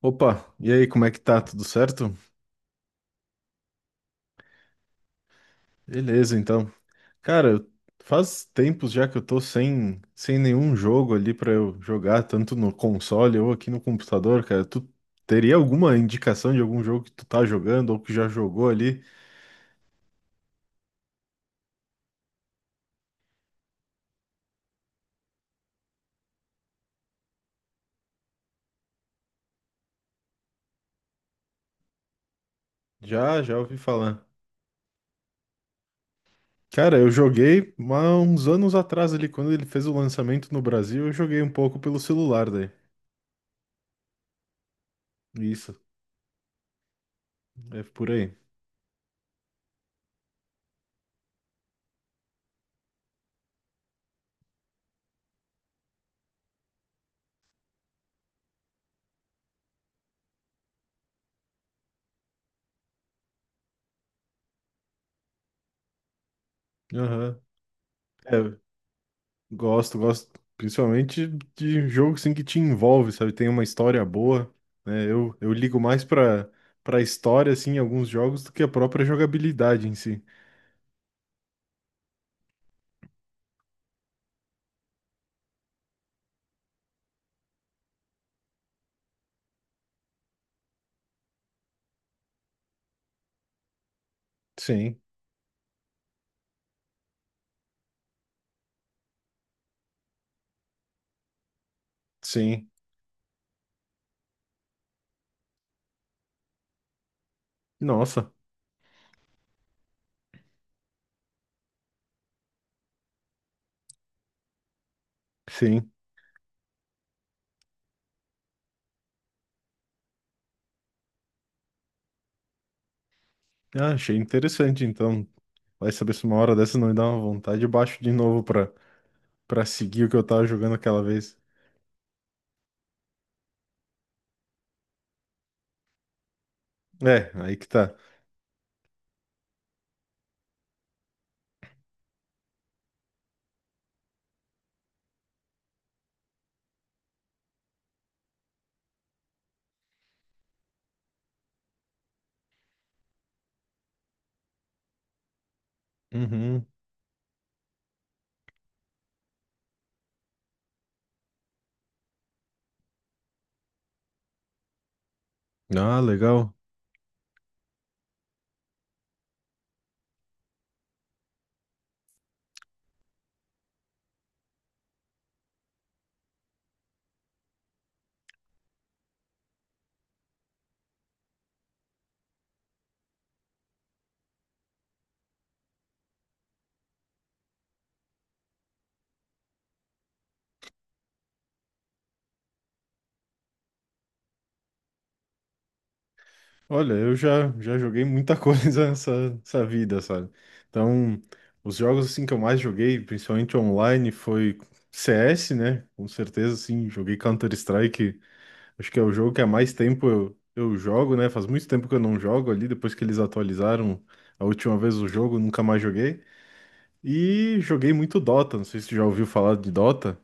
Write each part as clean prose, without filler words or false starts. Opa, e aí, como é que tá? Tudo certo? Beleza, então. Cara, eu- Faz tempos já que eu tô sem nenhum jogo ali pra eu jogar, tanto no console ou aqui no computador, cara. Tu teria alguma indicação de algum jogo que tu tá jogando ou que já jogou ali? Já ouvi falar. Cara, eu joguei há uns anos atrás ali, quando ele fez o lançamento no Brasil, eu joguei um pouco pelo celular daí. Isso, é por aí. Aham. É, gosto principalmente de jogo assim que te envolve, sabe? Tem uma história boa, né? Eu ligo mais pra história, assim, em alguns jogos do que a própria jogabilidade em si. Sim, sim. Nossa, sim. Ah, achei interessante, então. Vai saber se uma hora dessa não me dá uma vontade, eu baixo de novo pra seguir o que eu tava jogando aquela vez. É, aí que tá. Uhum. Ah, legal. Olha, eu já joguei muita coisa nessa, nessa vida, sabe? Então, os jogos assim que eu mais joguei, principalmente online, foi CS, né? Com certeza, assim, joguei Counter-Strike. Acho que é o jogo que há mais tempo eu jogo, né? Faz muito tempo que eu não jogo ali, depois que eles atualizaram a última vez o jogo, nunca mais joguei. E joguei muito Dota, não sei se tu já ouviu falar de Dota.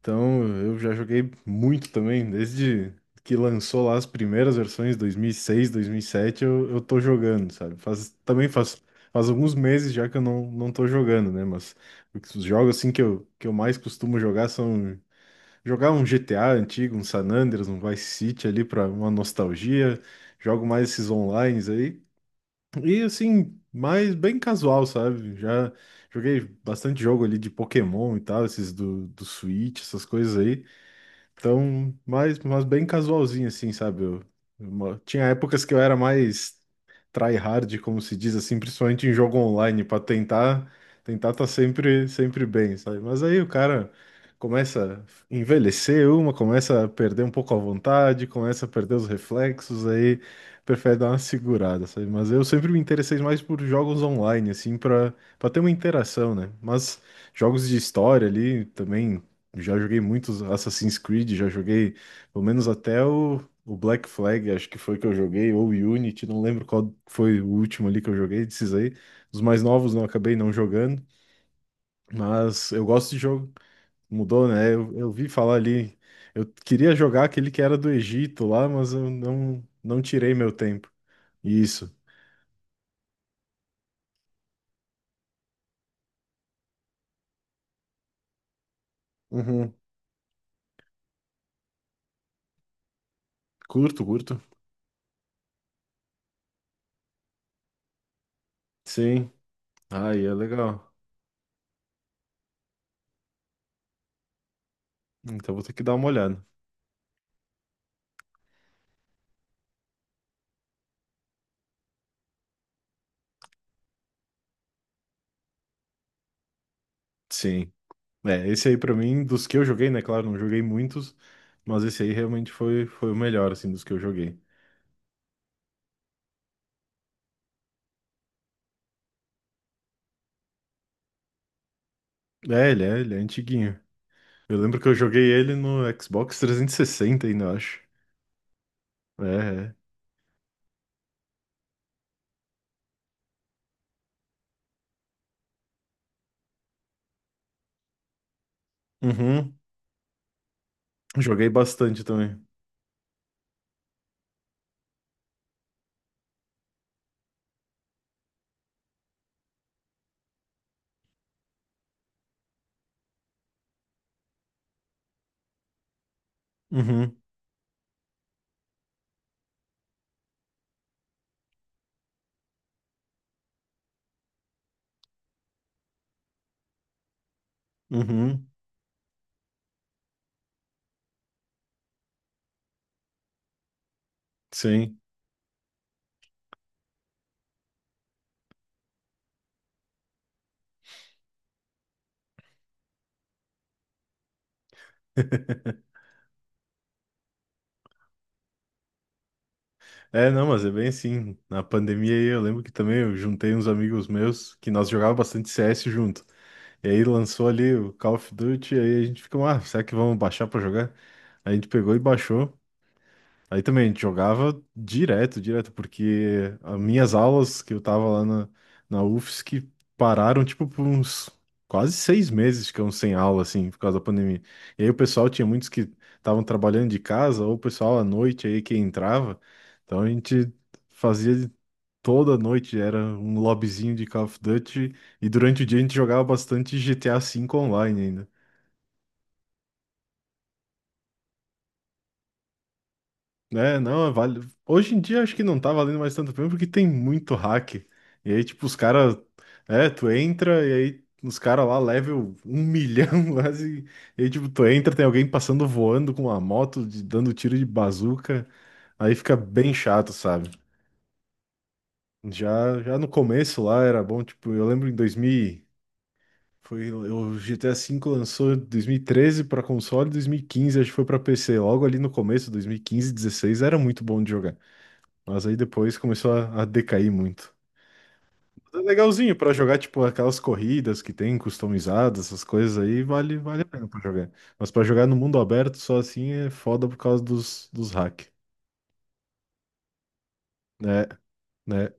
Então, eu já joguei muito também, desde que lançou lá as primeiras versões, 2006, sete eu tô jogando, sabe? Faz alguns meses já que eu não, não tô jogando, né? Mas os jogos, assim, que eu mais costumo jogar são... Jogar um GTA antigo, um San Andreas, um Vice City ali pra uma nostalgia. Jogo mais esses onlines aí. E, assim, mais bem casual, sabe? Já joguei bastante jogo ali de Pokémon e tal, esses do Switch, essas coisas aí. Então, mas bem casualzinho, assim, sabe? Tinha épocas que eu era mais tryhard, como se diz assim, principalmente em jogo online, pra tentar tentar tá sempre bem, sabe? Mas aí o cara começa a envelhecer uma, começa a perder um pouco a vontade, começa a perder os reflexos, aí prefere dar uma segurada, sabe? Mas eu sempre me interessei mais por jogos online, assim, pra ter uma interação, né? Mas jogos de história ali também já joguei muitos Assassin's Creed, já joguei pelo menos até o Black Flag, acho que foi que eu joguei, ou o Unity, não lembro qual foi o último ali que eu joguei desses aí. Os mais novos não acabei não jogando, mas eu gosto de jogo. Mudou, né? Eu vi falar ali, eu queria jogar aquele que era do Egito lá, mas eu não, não tirei meu tempo. Isso. Uhum. Curto, curto. Sim. Aí é legal. Então vou ter que dar uma olhada. Sim. É, esse aí pra mim, dos que eu joguei, né? Claro, não joguei muitos, mas esse aí realmente foi o melhor, assim, dos que eu joguei. Ele é antiguinho. Eu lembro que eu joguei ele no Xbox 360 ainda, eu acho. É, é. Uhum. Joguei bastante também. Uhum, uhum, sim. É, não, mas é bem assim. Na pandemia aí eu lembro que também eu juntei uns amigos meus que nós jogávamos bastante CS junto. E aí lançou ali o Call of Duty, aí a gente ficou, ah, será que vamos baixar pra jogar? Aí a gente pegou e baixou. Aí também a gente jogava direto, direto, porque as minhas aulas que eu tava lá na UFSC pararam, tipo, por uns quase 6 meses, ficamos sem aula, assim, por causa da pandemia. E aí o pessoal tinha muitos que estavam trabalhando de casa, ou o pessoal à noite aí que entrava. Então a gente fazia de- toda noite, era um lobbyzinho de Call of Duty, e durante o dia a gente jogava bastante GTA V online. É, não, vale. Hoje em dia acho que não tá valendo mais tanto a porque tem muito hack. E aí, tipo, os caras. É, tu entra e aí os caras lá, level um milhão quase. E aí, tipo, tu entra, tem alguém passando voando com uma moto, dando tiro de bazuca. Aí fica bem chato, sabe? Já no começo lá era bom, tipo, eu lembro em 2000. e- Foi, o GTA V lançou em 2013 para console, 2015 acho que foi para PC. Logo ali no começo, 2015, 16, era muito bom de jogar. Mas aí depois começou a decair muito. Mas é legalzinho pra jogar, tipo, aquelas corridas que tem customizadas, essas coisas aí, vale a pena pra jogar. Mas pra jogar no mundo aberto só assim é foda por causa dos hack, né? Né?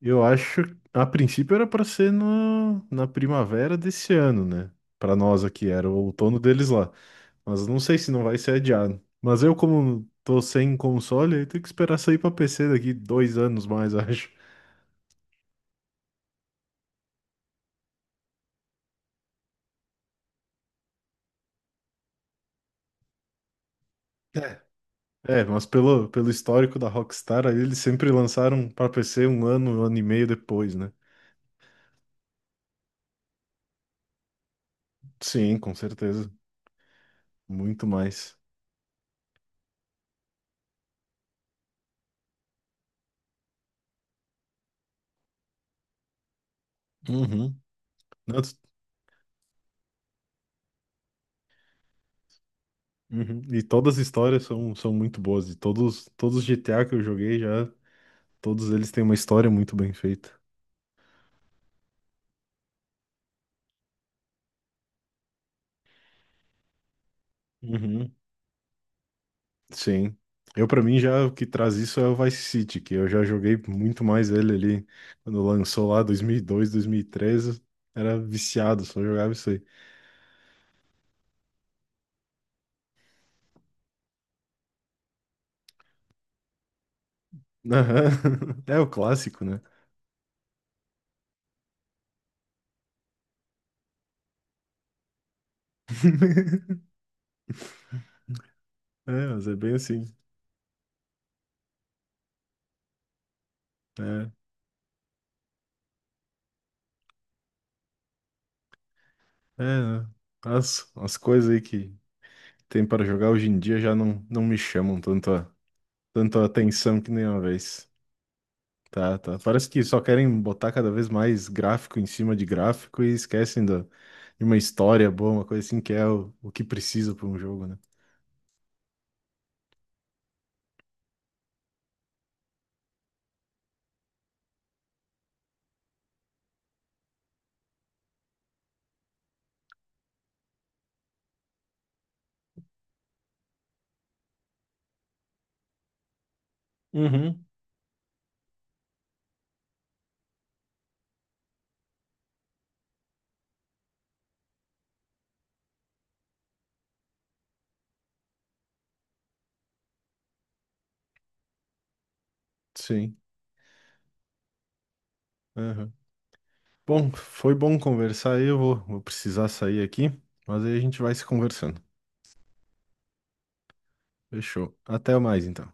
Eu acho, a princípio era pra ser no, na primavera desse ano, né? Pra nós aqui, era o outono deles lá. Mas não sei se não vai ser adiado. Mas eu, como tô sem console, aí tenho que esperar sair pra PC daqui 2 anos mais, acho. É, mas pelo histórico da Rockstar, aí eles sempre lançaram para PC 1 ano, 1 ano e meio depois, né? Sim, com certeza. Muito mais. Uhum. Não, tu- uhum. E todas as histórias são, são muito boas. E todos, todos os GTA que eu joguei já, todos eles têm uma história muito bem feita. Uhum. Sim. Eu, pra mim, já o que traz isso é o Vice City, que eu já joguei muito mais ele ali quando lançou lá 2002, dois mil e treze, era viciado, só jogava isso aí. Aham. É o clássico, né? É, mas é bem assim. Né? É, né? As coisas aí que tem para jogar hoje em dia já não, não me chamam tanto a, tanto a atenção que nem uma vez. Tá, tá. Parece que só querem botar cada vez mais gráfico em cima de gráfico e esquecem da, de uma história boa, uma coisa assim que é o que precisa para um jogo, né? Uhum. Sim. Aham. Bom, foi bom conversar aí. Vou precisar sair aqui, mas aí a gente vai se conversando. Fechou. Até mais, então.